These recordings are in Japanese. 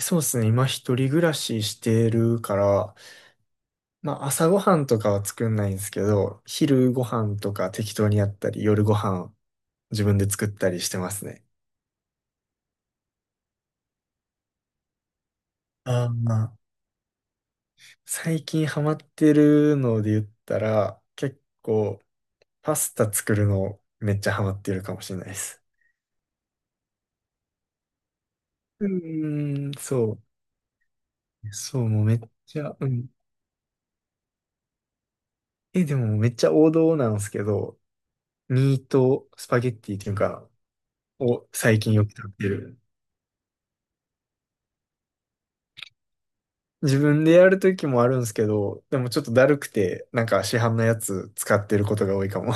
そうですね。今一人暮らししてるから、まあ朝ごはんとかは作んないんですけど、昼ご飯とか適当にやったり、夜ご飯自分で作ったりしてますね。あーまあ最近ハマってるので言ったら、結構パスタ作るのめっちゃハマってるかもしれないです。うーん、そう。そう、もうめっちゃ、うん。え、でもめっちゃ王道なんですけど、ミートスパゲッティっていうか、を最近よく食べてる。自分でやるときもあるんですけど、でもちょっとだるくて、なんか市販のやつ使ってることが多いかも。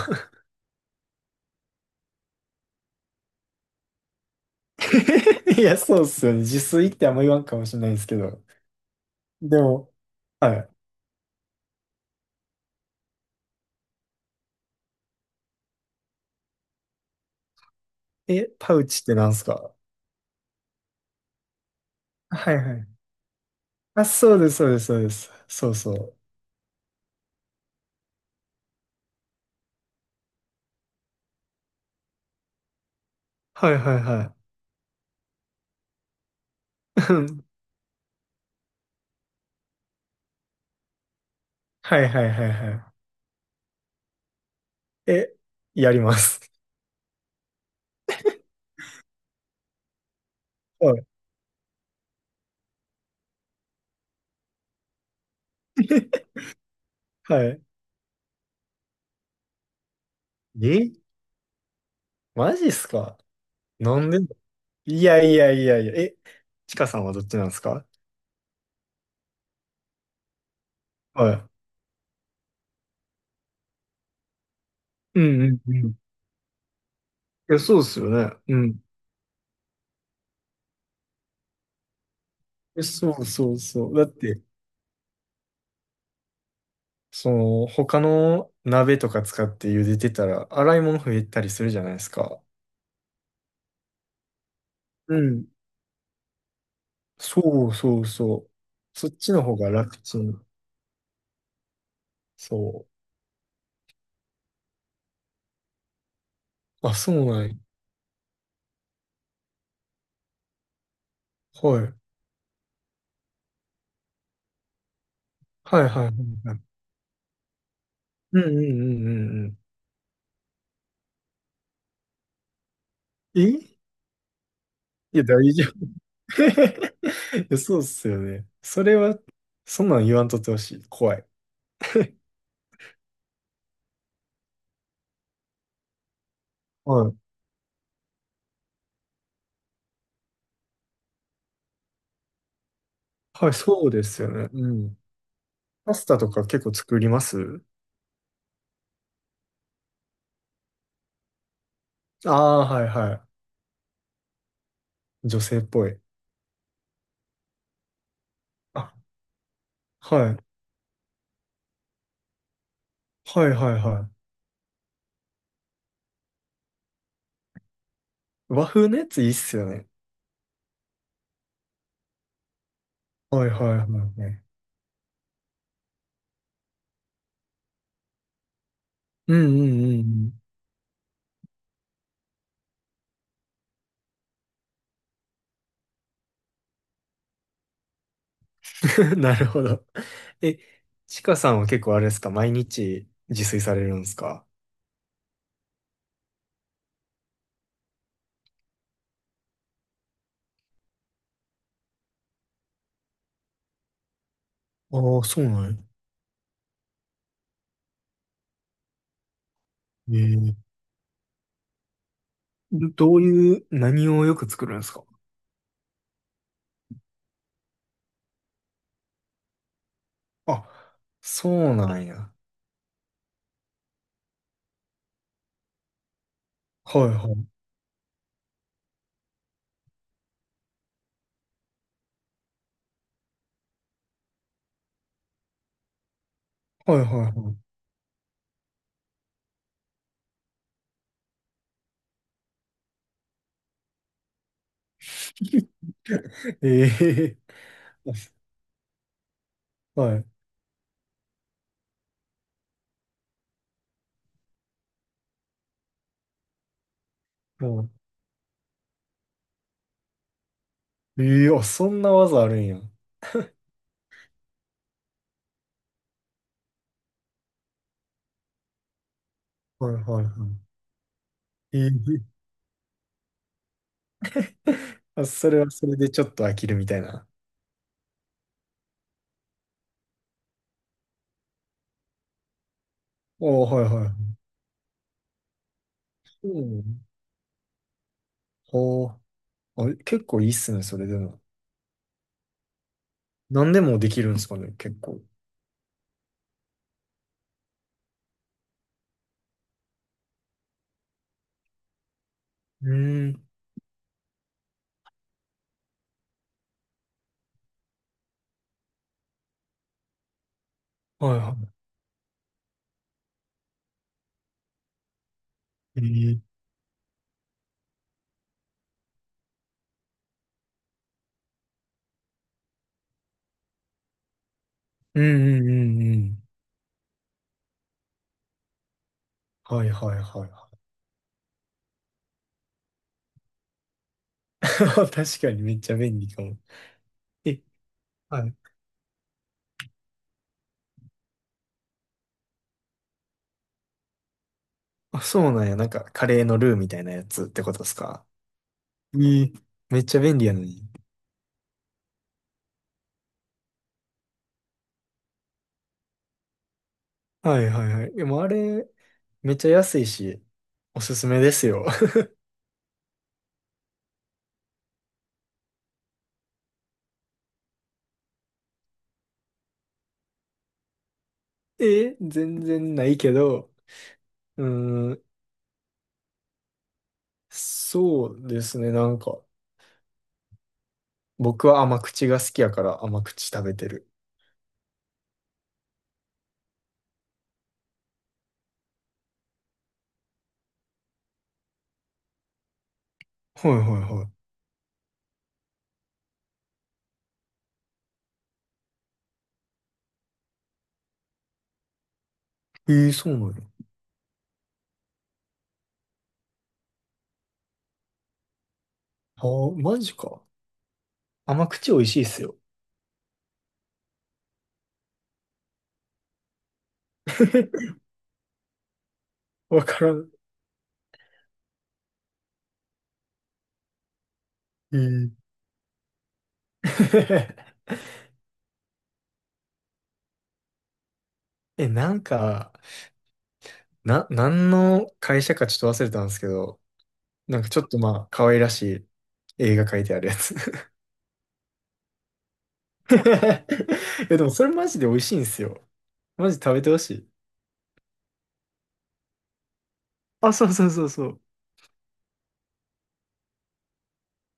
いや、そうっすよね。自炊ってあんま言わんかもしれないですけど。でも、はい。え、パウチってなんすか？はいはい。あ、そうです、そうです、そうです。そうそう。はいはいはい。うん、はいはいはいはい。え、やります。はい。はい。え、マジっすか？なんで？いやいやいやいや。え、ちかさんはどっちなんですか？はい。うんうんうん、いや、そうですよね。うん。え、そうそうそう。だって、その、他の鍋とか使って茹でてたら、洗い物増えたりするじゃないですか。うん。そうそうそう。そっちの方が楽ちん。そう。あ、そうなんや。はい。はいはいはいはい。うんうんうんうんうん。え、いや、大丈夫。いや、そうっすよね。それは、そんなん言わんとってほしい。怖い。はい。はい、そうですよね。うん。パスタとか結構作ります？ああー、はいはい。女性っぽい。あ、はい。はいはいはい。和風のやついいっすよね。はいはいはいはい。うんうんうんうん。なるほど。え、ちかさんは結構あれですか？毎日自炊されるんですか？ああー、そうなんや。ええ。どういう、何をよく作るんですか？あ、そうなんや。はいはい。はいはいはい。ええ。あ、はい。もう、ええ、あ、そんな技あるんや。はいはいはい。ええ。 あ、それはそれでちょっと飽きるみたいな。おお、はいはい。うん。お、あ、結構いいっすね、それでも。何でもできるんですかね、結構。うん。はいはい。ええ、うんうんうんうん。はいはいはいはい。確かにめっちゃ便利かも。え、はい。あ、そうなんや。なんか、カレーのルーみたいなやつってことですか？ええ、めっちゃ便利やのに。はいはいはい。でもあれ、めっちゃ安いし、おすすめですよ。え、全然ないけど、うーん、そうですね、なんか、僕は甘口が好きやから甘口食べてる。はいはいはい。えー、そうなの？ああ、マジか。甘口美味しいっすよ。わからん。えー。 え、なんか、何の会社かちょっと忘れたんですけど、なんかちょっとまあ、可愛らしい映画描いてあるやつ。いや、でもそれマジで美味しいんですよ。マジ食べてほしい。あ、そうそうそうそう。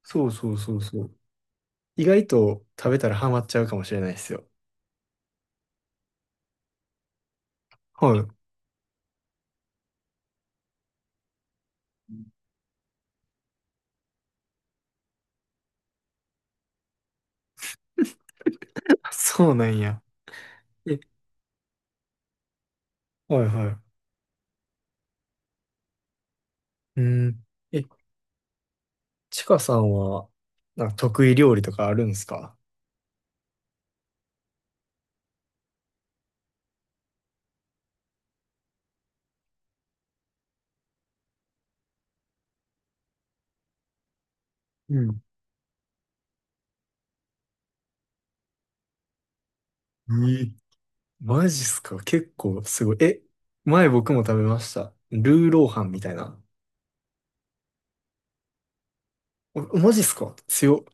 そうそうそうそう。意外と食べたらハマっちゃうかもしれないですよ。はい。あ、そうなんや。え、はいはい。うん。え、ちかさんは、なんか得意料理とかあるんですか？うん。えー、マジっすか？結構すごい。え、前僕も食べました。ルーローハンみたいな。お、マジっすか？強。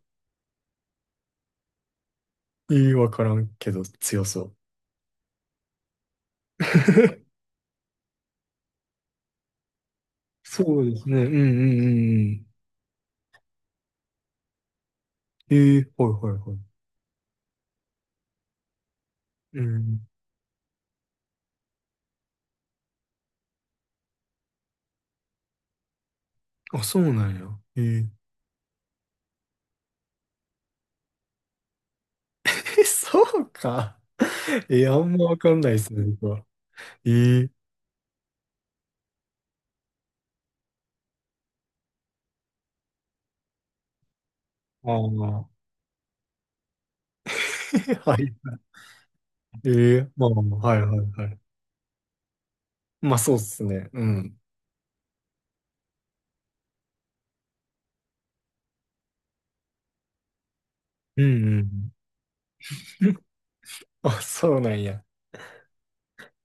いい、わからんけど強そう。そうですね。うんうんうんうん。えー、はいはいはい。うん。あ、そうなんや。え、ええ、そうか。え、あんまわかんないですね、僕は。えー、ああ、え、はい。えー、まあまあ、はいはいはい。まあ、そうっすね。うん。うんうん。あ、そうなんや。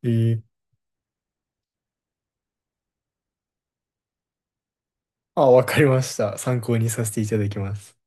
えー、あ、わかりました。参考にさせていただきます。